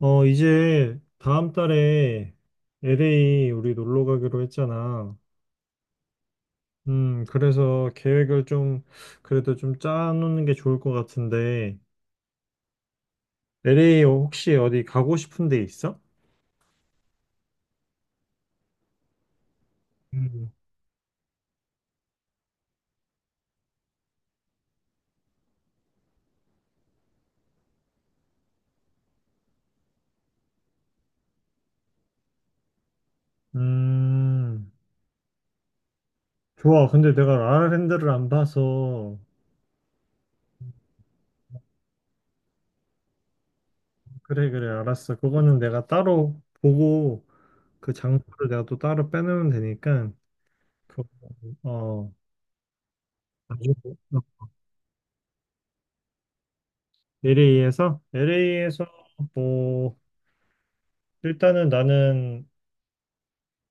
이제 다음 달에 LA 우리 놀러 가기로 했잖아. 그래서 계획을 좀 그래도 좀 짜놓는 게 좋을 것 같은데 LA 혹시 어디 가고 싶은 데 있어? 음. 음, 좋아. 근데 내가 라라랜드를 안 봐서 그래 그래 알았어. 그거는 내가 따로 보고 그 장소를 내가 또 따로 빼놓으면 되니까 그, 어, 나중에 LA에서 뭐 일단은 나는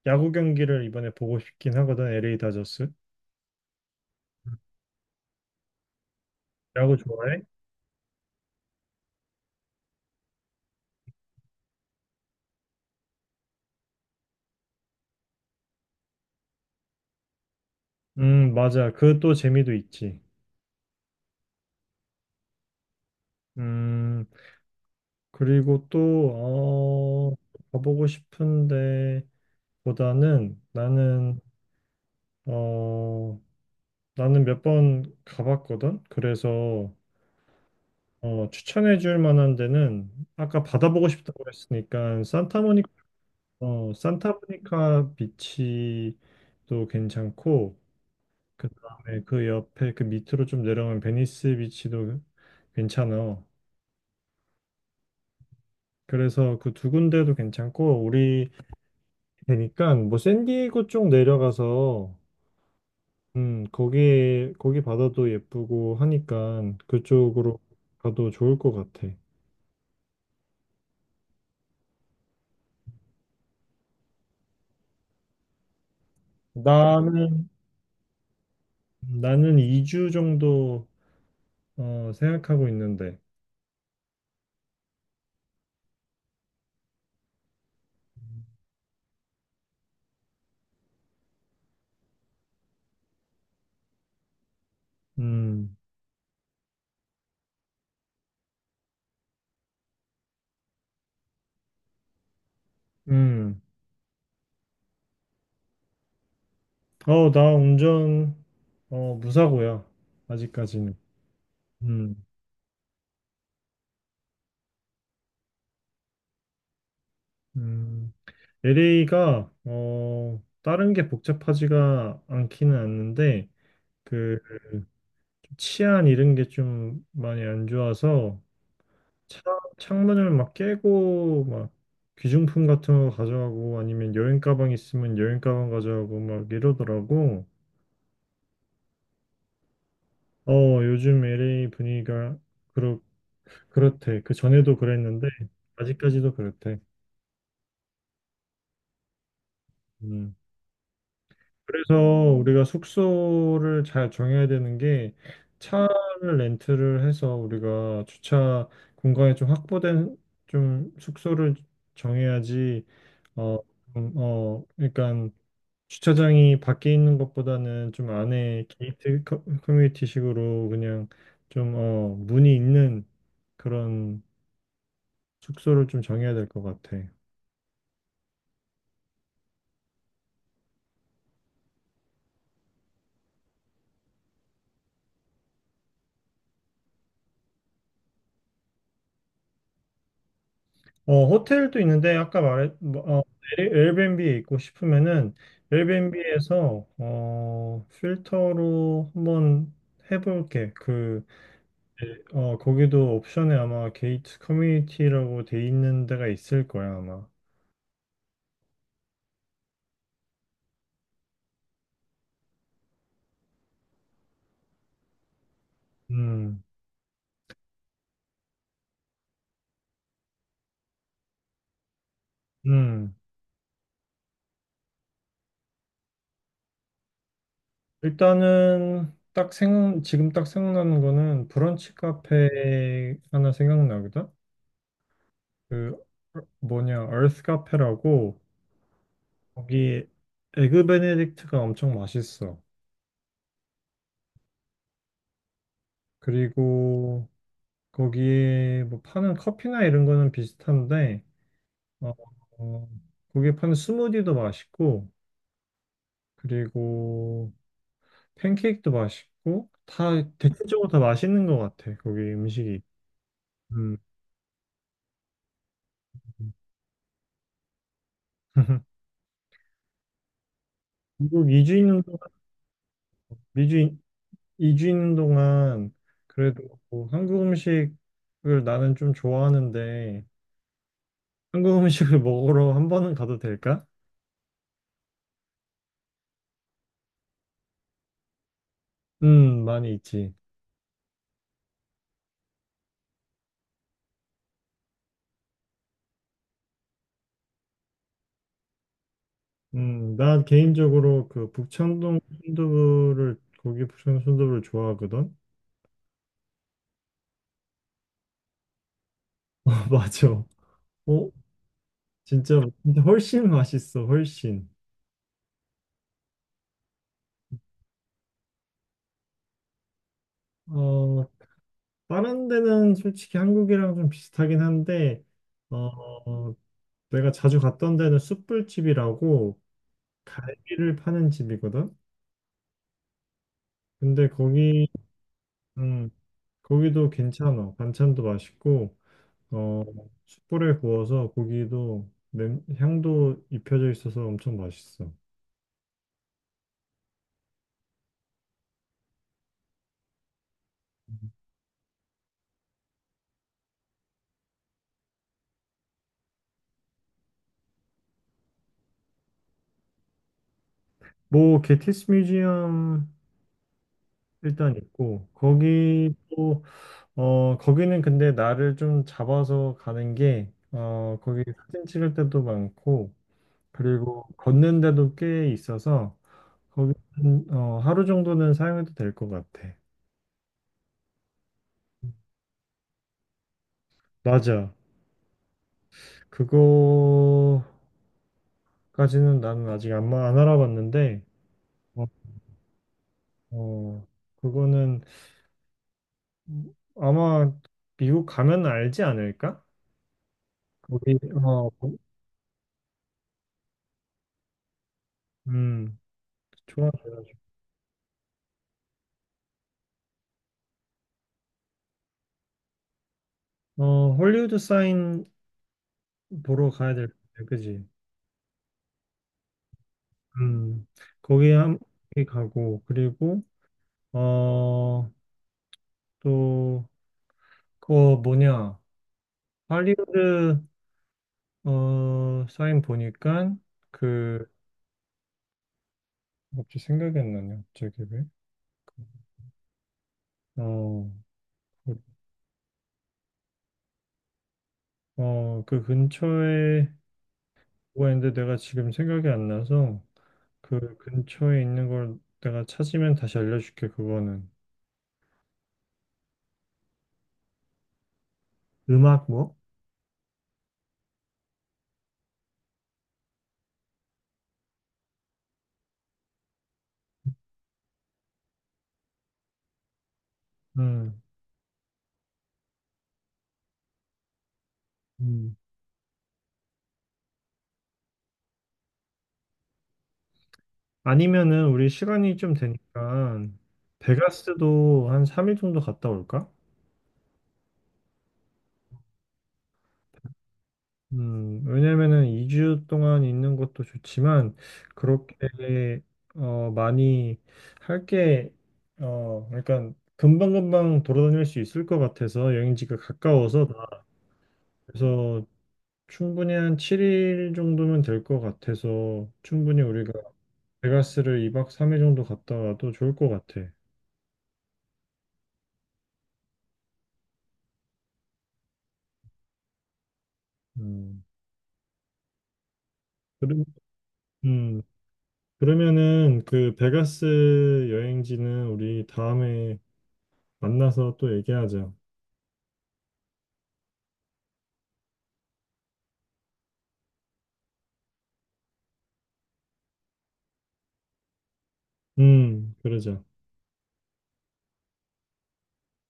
야구 경기를 이번에 보고 싶긴 하거든. LA 다저스. 야구 좋아해? 맞아. 그 또 재미도 있지. 음, 그리고 또, 어, 가보고 싶은데 보다는 어, 나는 몇 번 가봤거든. 그래서, 추천해 줄 만한 데는 아까 바다 보고 싶다고 했으니까 산타모니카 비치도 괜찮고, 그 다음에 그 옆에 그 밑으로 좀 내려오면 베니스 비치도 괜찮아. 그래서 그 두 군데도 괜찮고 우리 되니까 뭐 샌디에고 쪽 내려가서 거기 바다도 예쁘고 하니까 그쪽으로 가도 좋을 것 같아. 나는 나는 2주 정도 생각하고 있는데. 음. 음. 나 운전 무사고야. 아직까지는. 음. 음. LA가 다른 게 복잡하지가 않기는 않는데 그 치안 이런 게 좀 많이 안 좋아서 차, 창문을 막 깨고 막 귀중품 같은 거 가져가고 아니면 여행 가방 있으면 여행 가방 가져가고 막 이러더라고. 어 요즘 LA 분위기가 그렇 그렇대. 그 전에도 그랬는데 아직까지도 그렇대. 음. 그래서 우리가 숙소를 잘 정해야 되는 게 차를 렌트를 해서 우리가 주차 공간이 좀 확보된 좀 숙소를 정해야지 어, 좀, 그러니까 주차장이 밖에 있는 것보다는 좀 안에 게이트 커뮤니티식으로 그냥 좀 문이 있는 그런 숙소를 좀 정해야 될 것 같아. 어, 호텔도 있는데 아까 말했 뭐, 에어비앤비에 있고 싶으면은 에어비앤비에서 필터로 한번 해볼게. 거기도 옵션에 아마 게이트 커뮤니티라고 돼 있는 데가 있을 거야, 아마. 음. 음. 일단은 딱 지금 딱 생각나는 거는 브런치 카페 하나 생각나거든. 그 뭐냐, 얼스 카페라고 거기 에그 베네딕트가 엄청 맛있어. 그리고 거기에 뭐 파는 커피나 이런 거는 비슷한데, 어, 어, 거기에 파는 스무디도 맛있고, 그리고 팬케이크도 맛있고, 다 대체적으로 다 맛있는 것 같아. 거기 음식이. 음. 미국 2주 있는 동안, 미주 이 주 있는 동안 그래도 뭐 한국 음식을 나는 좀 좋아하는데, 한국 음식을 먹으러 한 번은 가도 될까? 많이 있지. 나 개인적으로 그 북창동 순두부를 고기 북창동 순두부를 좋아하거든. 아, 맞아. 어, 진짜 진짜 훨씬 맛있어. 훨씬. 어, 다른 데는 솔직히 한국이랑 좀 비슷하긴 한데 어, 내가 자주 갔던 데는 숯불집이라고 갈비를 파는 집이거든. 근데 음, 거기도 괜찮아. 반찬도 맛있고 어, 숯불에 구워서 고기도 향도 입혀져 있어서 엄청 맛있어. 뭐 게티스 뮤지엄 일단 있고 거기도 거기는 근데 나를 좀 잡아서 가는 게 거기 사진 찍을 때도 많고 그리고 걷는 데도 꽤 있어서 거기 하루 정도는 사용해도 될 것 같아. 맞아. 그거까지는 나는 아직 안 알아봤는데, 어, 어, 그거는 아마 미국 가면 알지 않을까? 거기 어, 음, 좋아. 헐리우드 사인 보러 가야 될 것 같아, 그지? 음, 거기 한 거기 가고 그리고 어, 또 그거 뭐냐? 할리우드 사인 보니까 그 갑자기 생각이 안 나냐? 갑자기 왜? 어, 그 근처에 뭐가 있는데 내가 지금 생각이 안 나서 그 근처에 있는 걸 내가 찾으면 다시 알려줄게, 그거는. 음악 뭐? 음. 음. 아니면은 우리 시간이 좀 되니까 베가스도 한 3일 정도 갔다 올까? 왜냐면은 2주 동안 있는 것도 좋지만 그렇게 많이 할 게 그러니까 금방금방 돌아다닐 수 있을 것 같아서 여행지가 가까워서 그래서 충분히 한 7일 정도면 될 것 같아서 충분히 우리가 베가스를 2박 3일 정도 갔다 와도 좋을 것 같아. 음. 그러, 음. 그러면은 그 베가스 여행지는 우리 다음에 만나서 또 얘기하자. 그러자.